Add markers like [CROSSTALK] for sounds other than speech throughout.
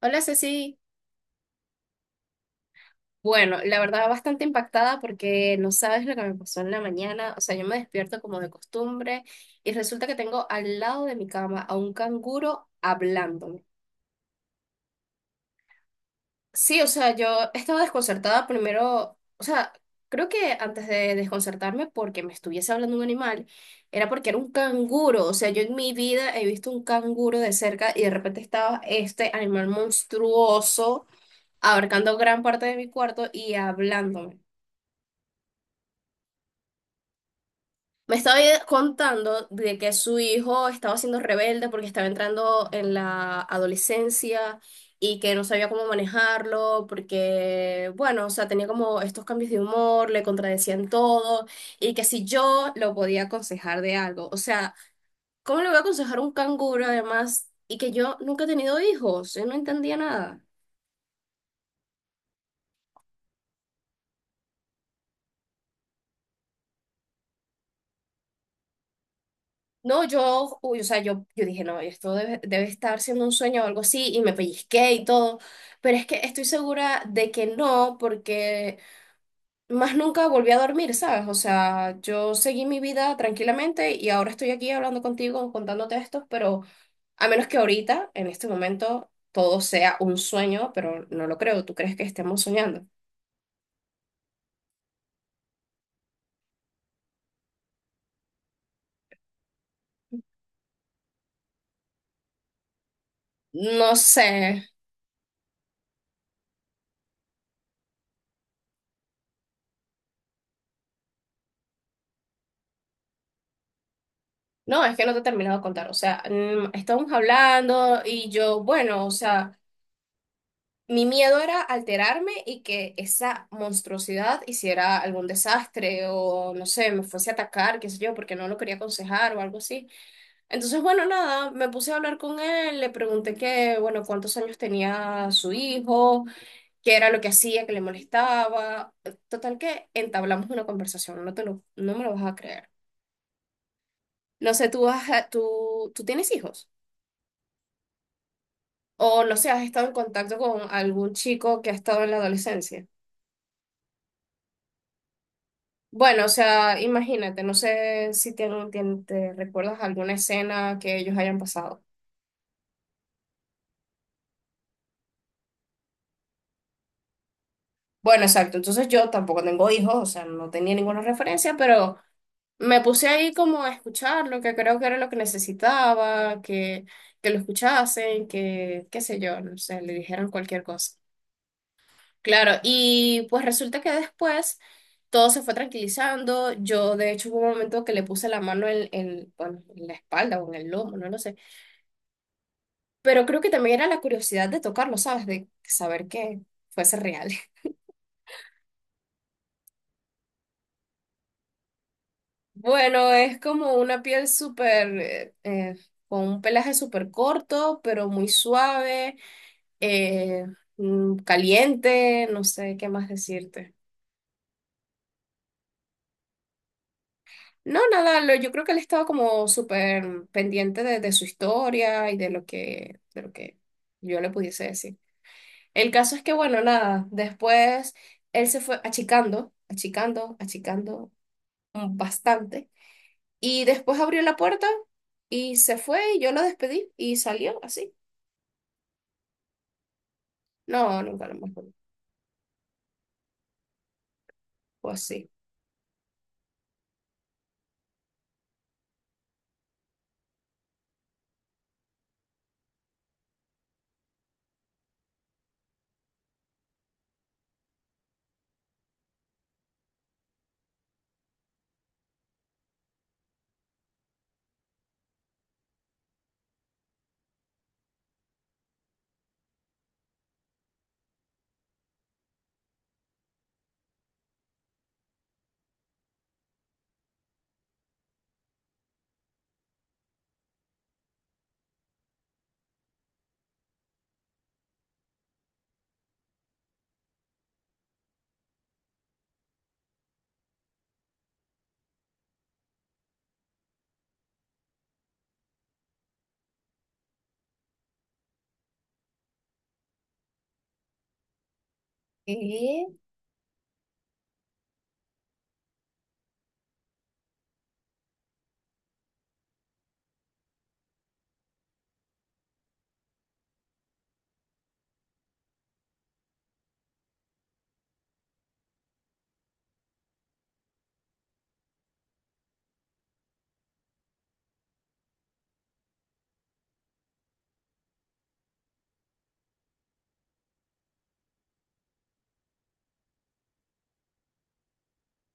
Hola Ceci, bueno, la verdad bastante impactada porque no sabes lo que me pasó en la mañana. O sea, yo me despierto como de costumbre y resulta que tengo al lado de mi cama a un canguro hablándome. Sí, o sea, yo estaba desconcertada primero. O sea, creo que antes de desconcertarme porque me estuviese hablando un animal, era porque era un canguro. O sea, yo en mi vida he visto un canguro de cerca y de repente estaba este animal monstruoso abarcando gran parte de mi cuarto y hablándome. Me estaba contando de que su hijo estaba siendo rebelde porque estaba entrando en la adolescencia y que no sabía cómo manejarlo porque, bueno, o sea, tenía como estos cambios de humor, le contradecían todo y que si yo lo podía aconsejar de algo. O sea, ¿cómo le voy a aconsejar a un canguro además y que yo nunca he tenido hijos? Yo no entendía nada. No, yo, uy, o sea, yo dije, no, esto debe, debe estar siendo un sueño o algo así, y me pellizqué y todo, pero es que estoy segura de que no, porque más nunca volví a dormir, ¿sabes? O sea, yo seguí mi vida tranquilamente y ahora estoy aquí hablando contigo, contándote esto, pero a menos que ahorita, en este momento, todo sea un sueño, pero no lo creo. ¿Tú crees que estemos soñando? No sé. No, es que no te he terminado de contar. O sea, estábamos hablando y yo, bueno, o sea, mi miedo era alterarme y que esa monstruosidad hiciera algún desastre o, no sé, me fuese a atacar, qué sé yo, porque no lo quería aconsejar o algo así. Entonces, bueno, nada, me puse a hablar con él, le pregunté que, bueno, cuántos años tenía su hijo, qué era lo que hacía, que le molestaba. Total que entablamos una conversación, no te lo, no me lo vas a creer. No sé, tú, has, tú tienes hijos o, no sé, has estado en contacto con algún chico que ha estado en la adolescencia. Bueno, o sea, imagínate, no sé si te recuerdas alguna escena que ellos hayan pasado. Bueno, exacto, entonces yo tampoco tengo hijos, o sea, no tenía ninguna referencia, pero me puse ahí como a escuchar lo que creo que era lo que necesitaba, que lo escuchasen, que, qué sé yo, no sé, le dijeran cualquier cosa. Claro, y pues resulta que después todo se fue tranquilizando. Yo de hecho hubo un momento que le puse la mano bueno, en la espalda o en el lomo, no lo sé. Pero creo que también era la curiosidad de tocarlo, ¿sabes? De saber que fuese real. [LAUGHS] Bueno, es como una piel súper, con un pelaje súper corto, pero muy suave, eh, caliente, no sé qué más decirte. No, nada, lo- yo creo que él estaba como súper pendiente de su historia y de lo que yo le pudiese decir. El caso es que, bueno, nada, después él se fue achicando, achicando, achicando bastante. Y después abrió la puerta y se fue y yo lo despedí y salió así. No, nunca lo mejor. Fue así. ¿Qué?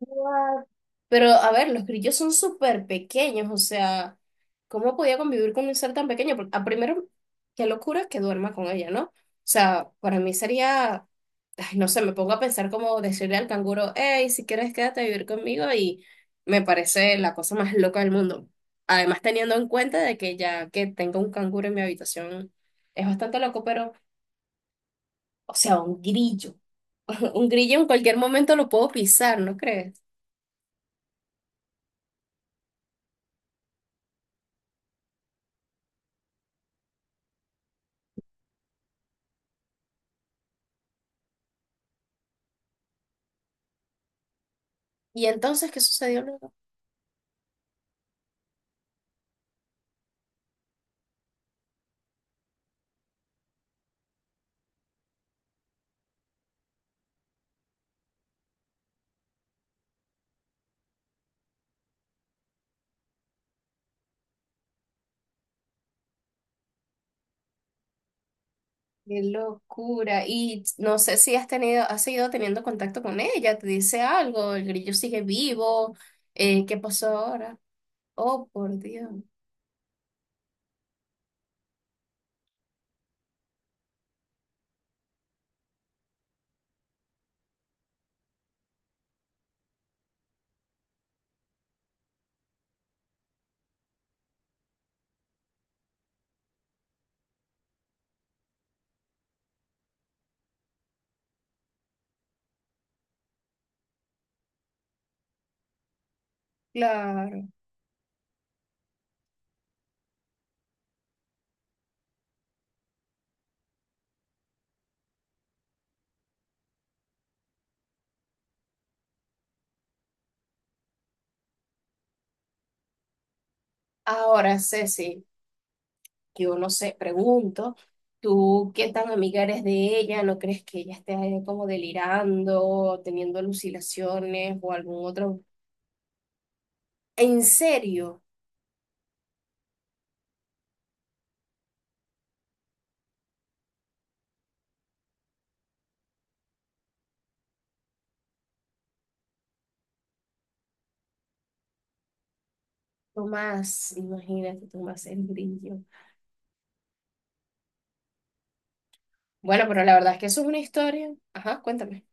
What? Pero a ver, los grillos son súper pequeños. O sea, ¿cómo podía convivir con un ser tan pequeño? Porque, a primero, qué locura que duerma con ella, ¿no? O sea, para mí sería, ay, no sé, me pongo a pensar como decirle al canguro, hey, si quieres quédate a vivir conmigo y me parece la cosa más loca del mundo. Además, teniendo en cuenta de que ya que tengo un canguro en mi habitación, es bastante loco, pero, o sea, un grillo, [LAUGHS] un grillo en cualquier momento lo puedo pisar, ¿no crees? ¿Y entonces qué sucedió luego? Qué locura. Y no sé si has tenido, has seguido teniendo contacto con ella, te dice algo, el grillo sigue vivo, ¿qué pasó ahora? Oh, por Dios. Claro. Ahora, Ceci, yo no sé, pregunto, ¿tú qué tan amiga eres de ella? ¿No crees que ella esté como delirando, teniendo alucinaciones o algún otro? En serio, Tomás, imagínate, Tomás, el grillo. Bueno, pero la verdad es que eso es una historia. Ajá, cuéntame.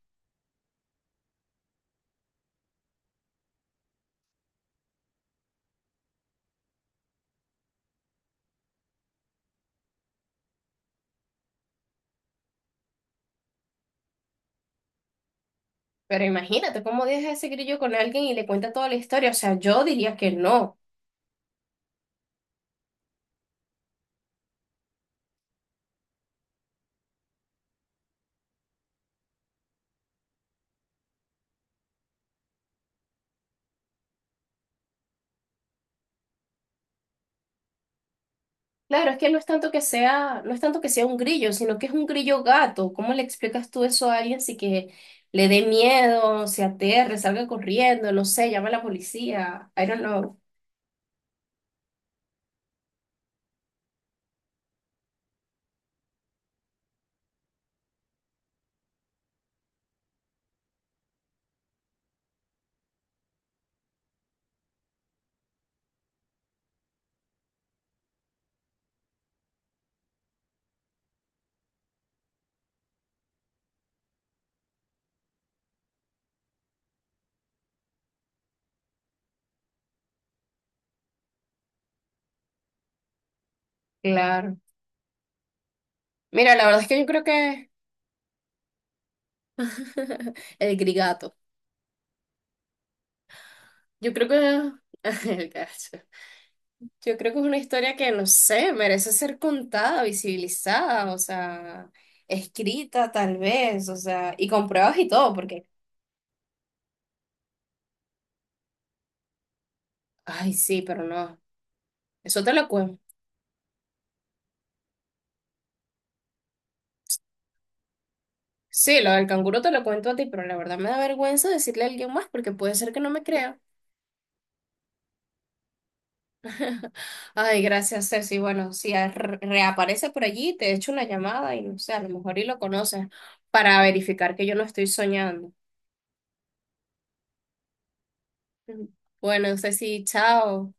Pero imagínate cómo deja ese grillo con alguien y le cuenta toda la historia. O sea, yo diría que no. Claro, es que no es tanto que sea, no es tanto que sea un grillo, sino que es un grillo gato. ¿Cómo le explicas tú eso a alguien si que le dé miedo, se aterre, salga corriendo, no sé, llama a la policía? I don't know. Claro. Mira, la verdad es que yo creo que [LAUGHS] el grigato. Yo creo que [LAUGHS] el gato. Yo creo que es una historia que, no sé, merece ser contada, visibilizada, o sea, escrita tal vez, o sea, y con pruebas y todo, porque, ay, sí, pero no, eso te lo cuento. Sí, lo del canguro te lo cuento a ti, pero la verdad me da vergüenza decirle a alguien más porque puede ser que no me crea. [LAUGHS] Ay, gracias, Ceci. Bueno, si reaparece por allí, te echo una llamada y no sé, a lo mejor y lo conoces para verificar que yo no estoy soñando. [LAUGHS] Bueno, Ceci, chao.